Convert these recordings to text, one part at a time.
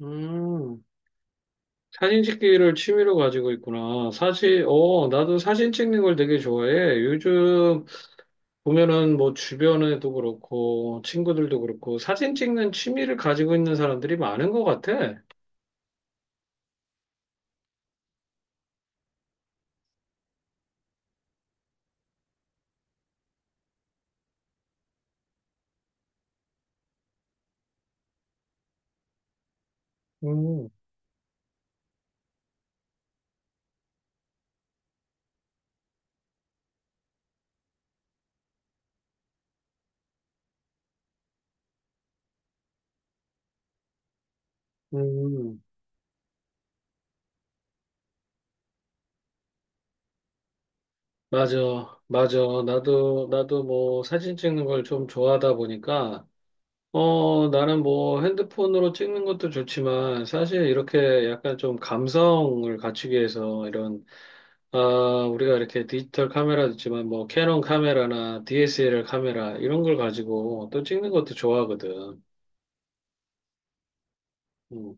음, 사진 찍기를 취미로 가지고 있구나. 사실, 나도 사진 찍는 걸 되게 좋아해. 요즘 보면은 뭐 주변에도 그렇고, 친구들도 그렇고, 사진 찍는 취미를 가지고 있는 사람들이 많은 것 같아. 음. 음. 맞아, 맞아. 나도 뭐 사진 찍는 걸 좀 좋아하다 보니까, 나는 뭐 핸드폰으로 찍는 것도 좋지만, 사실 이렇게 약간 좀 감성을 갖추기 위해서 아, 우리가 이렇게 디지털 카메라도 있지만 뭐 캐논 카메라나 DSLR 카메라 이런 걸 가지고 또 찍는 것도 좋아하거든. 음.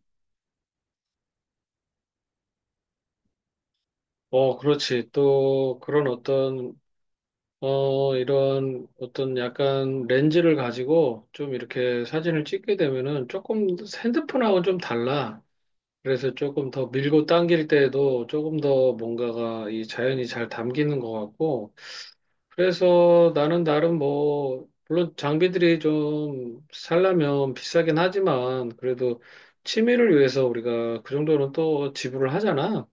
그렇지. 또 그런 어떤 어 이런 어떤 약간 렌즈를 가지고 좀 이렇게 사진을 찍게 되면은 조금 핸드폰하고 좀 달라. 그래서 조금 더 밀고 당길 때에도 조금 더 뭔가가 이 자연이 잘 담기는 것 같고 그래서 나는 나름 뭐, 물론 장비들이 좀 살려면 비싸긴 하지만, 그래도 취미를 위해서 우리가 그 정도는 또 지불을 하잖아.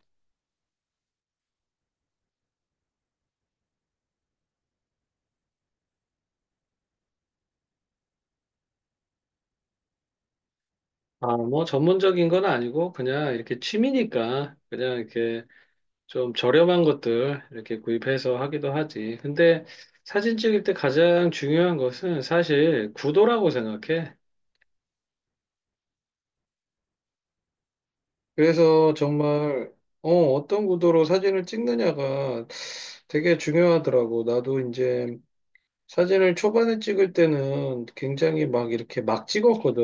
아, 뭐 전문적인 건 아니고, 그냥 이렇게 취미니까, 그냥 이렇게 좀 저렴한 것들 이렇게 구입해서 하기도 하지. 근데 사진 찍을 때 가장 중요한 것은 사실 구도라고 생각해. 그래서 정말 어떤 구도로 사진을 찍느냐가 되게 중요하더라고. 나도 이제 사진을 초반에 찍을 때는 굉장히 막 이렇게 막 찍었거든.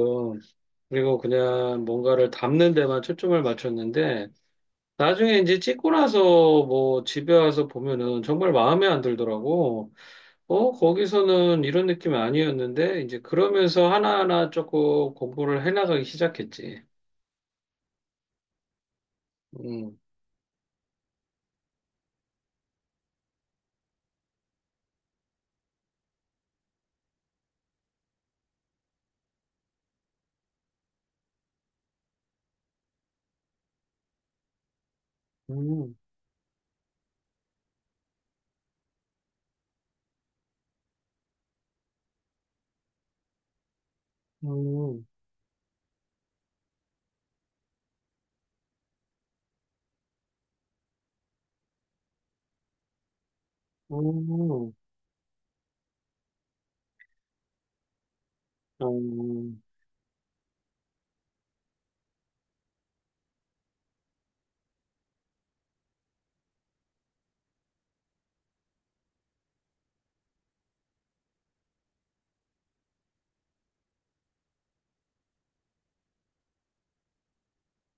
그리고 그냥 뭔가를 담는 데만 초점을 맞췄는데 나중에 이제 찍고 나서 뭐 집에 와서 보면은 정말 마음에 안 들더라고. 거기서는 이런 느낌이 아니었는데 이제 그러면서 하나하나 조금 공부를 해나가기 시작했지. 음. 음. 음. 음. 음.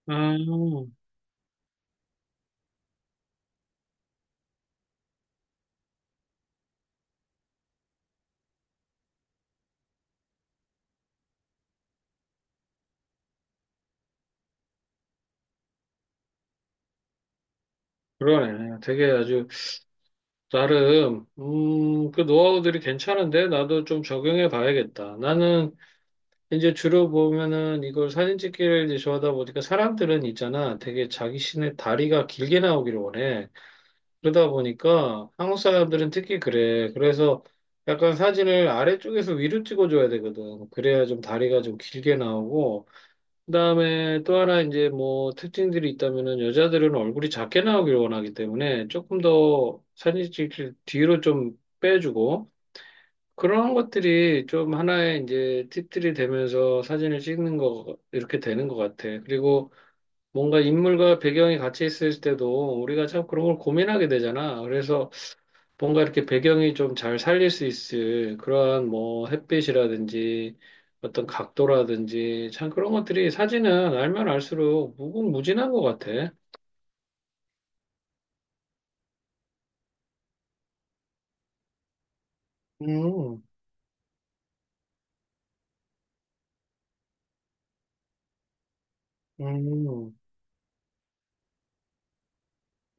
음. 그러네. 되게 아주, 나름, 그 노하우들이 괜찮은데, 나도 좀 적용해 봐야겠다. 나는 이제 주로 보면은 이걸 사진 찍기를 이제 좋아하다 보니까 사람들은 있잖아. 되게 자기 신의 다리가 길게 나오기를 원해. 그러다 보니까 한국 사람들은 특히 그래. 그래서 약간 사진을 아래쪽에서 위로 찍어줘야 되거든. 그래야 좀 다리가 좀 길게 나오고, 그다음에 또 하나 이제 뭐 특징들이 있다면은 여자들은 얼굴이 작게 나오길 원하기 때문에 조금 더 사진 찍힐 뒤로 좀 빼주고 그런 것들이 좀 하나의 이제 팁들이 되면서 사진을 찍는 거 이렇게 되는 것 같아. 그리고 뭔가 인물과 배경이 같이 있을 때도 우리가 참 그런 걸 고민하게 되잖아. 그래서 뭔가 이렇게 배경이 좀 잘 살릴 수 있을 그러한 뭐 햇빛이라든지 어떤 각도라든지 참 그런 것들이 사진은 알면 알수록 무궁무진한 것 같아. 음. 음.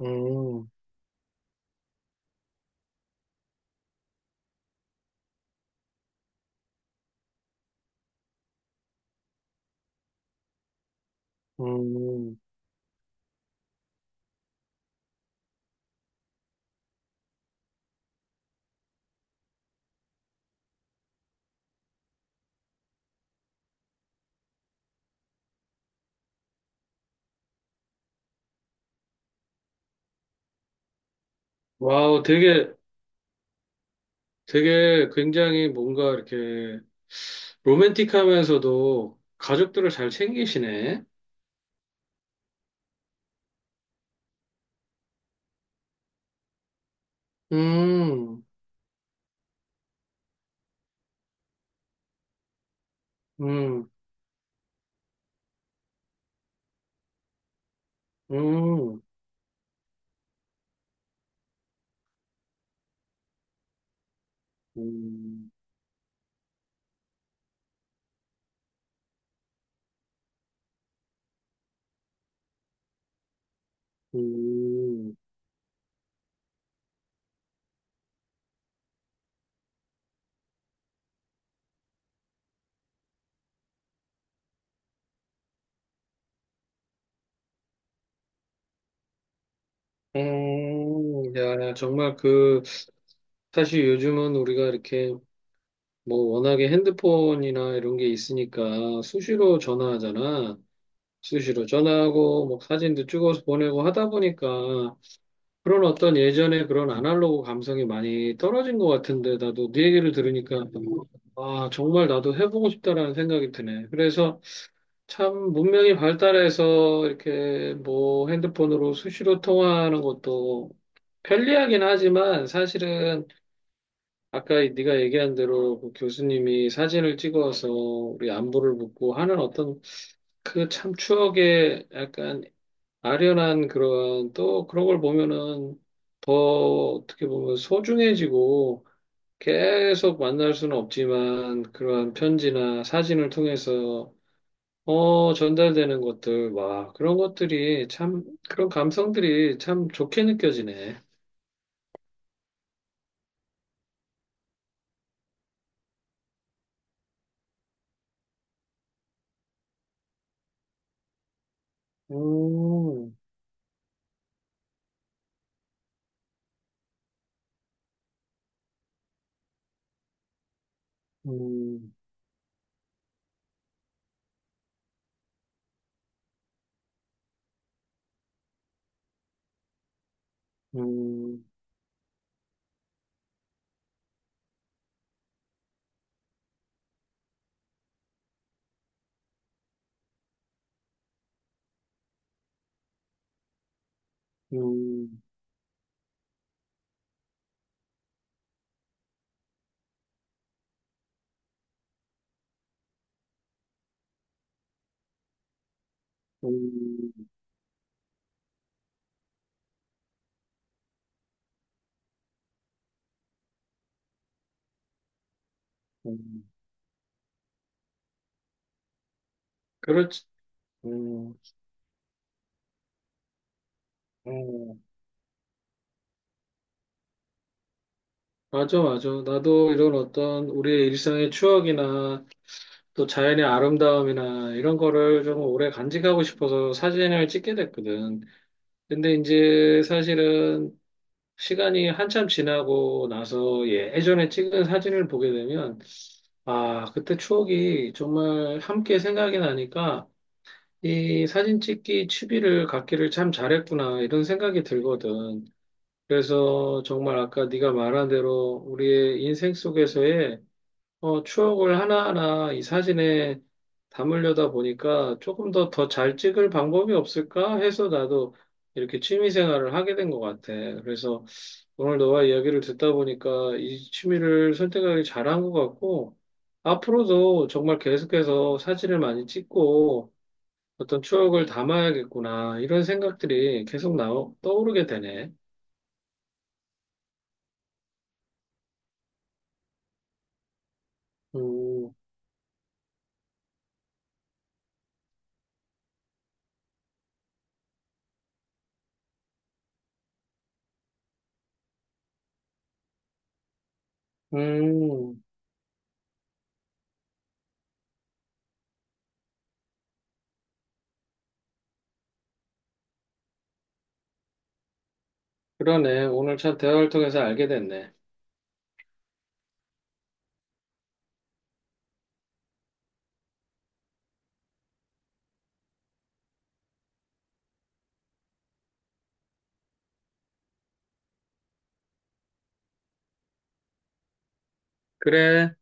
음. 음. 와우, 되게, 되게 굉장히 뭔가 이렇게 로맨틱하면서도 가족들을 잘 챙기시네. 음. 음. 음. 음. 음. 음. 야, 정말 사실 요즘은 우리가 이렇게 뭐 워낙에 핸드폰이나 이런 게 있으니까 수시로 전화하잖아. 수시로 전화하고 뭐 사진도 찍어서 보내고 하다 보니까 그런 어떤 예전에 그런 아날로그 감성이 많이 떨어진 것 같은데 나도 네 얘기를 들으니까 아, 정말 나도 해보고 싶다라는 생각이 드네. 그래서 참 문명이 발달해서 이렇게 뭐 핸드폰으로 수시로 통화하는 것도 편리하긴 하지만 사실은 아까 네가 얘기한 대로 그 교수님이 사진을 찍어서 우리 안부를 묻고 하는 어떤 그 참 추억의 약간 아련한 그런 또 그런 걸 보면은 더 어떻게 보면 소중해지고 계속 만날 수는 없지만 그러한 편지나 사진을 통해서 전달되는 것들, 와, 그런 것들이 참, 그런 감성들이 참 좋게 느껴지네. 음. 음. 음. 음. 음. 음. 그렇지. 음. 음. 맞아, 맞아. 나도 이런 어떤 우리의 일상의 추억이나 또 자연의 아름다움이나 이런 거를 좀 오래 간직하고 싶어서 사진을 찍게 됐거든. 근데 이제 사실은 시간이 한참 지나고 나서 예전에 찍은 사진을 보게 되면 아, 그때 추억이 정말 함께 생각이 나니까 이 사진 찍기 취미를 갖기를 참 잘했구나 이런 생각이 들거든. 그래서 정말 아까 네가 말한 대로 우리의 인생 속에서의 추억을 하나하나 이 사진에 담으려다 보니까 조금 더 잘 찍을 방법이 없을까 해서 나도 이렇게 취미 생활을 하게 된 것 같아. 그래서 오늘 너와 이야기를 듣다 보니까 이 취미를 선택하기 잘한 것 같고, 앞으로도 정말 계속해서 사진을 많이 찍고 어떤 추억을 담아야겠구나, 이런 생각들이 계속 떠오르게 되네. 음. 음. 그러네. 오늘 참 대화를 통해서 알게 됐네. 그래,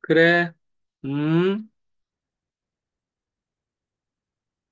그래, 음.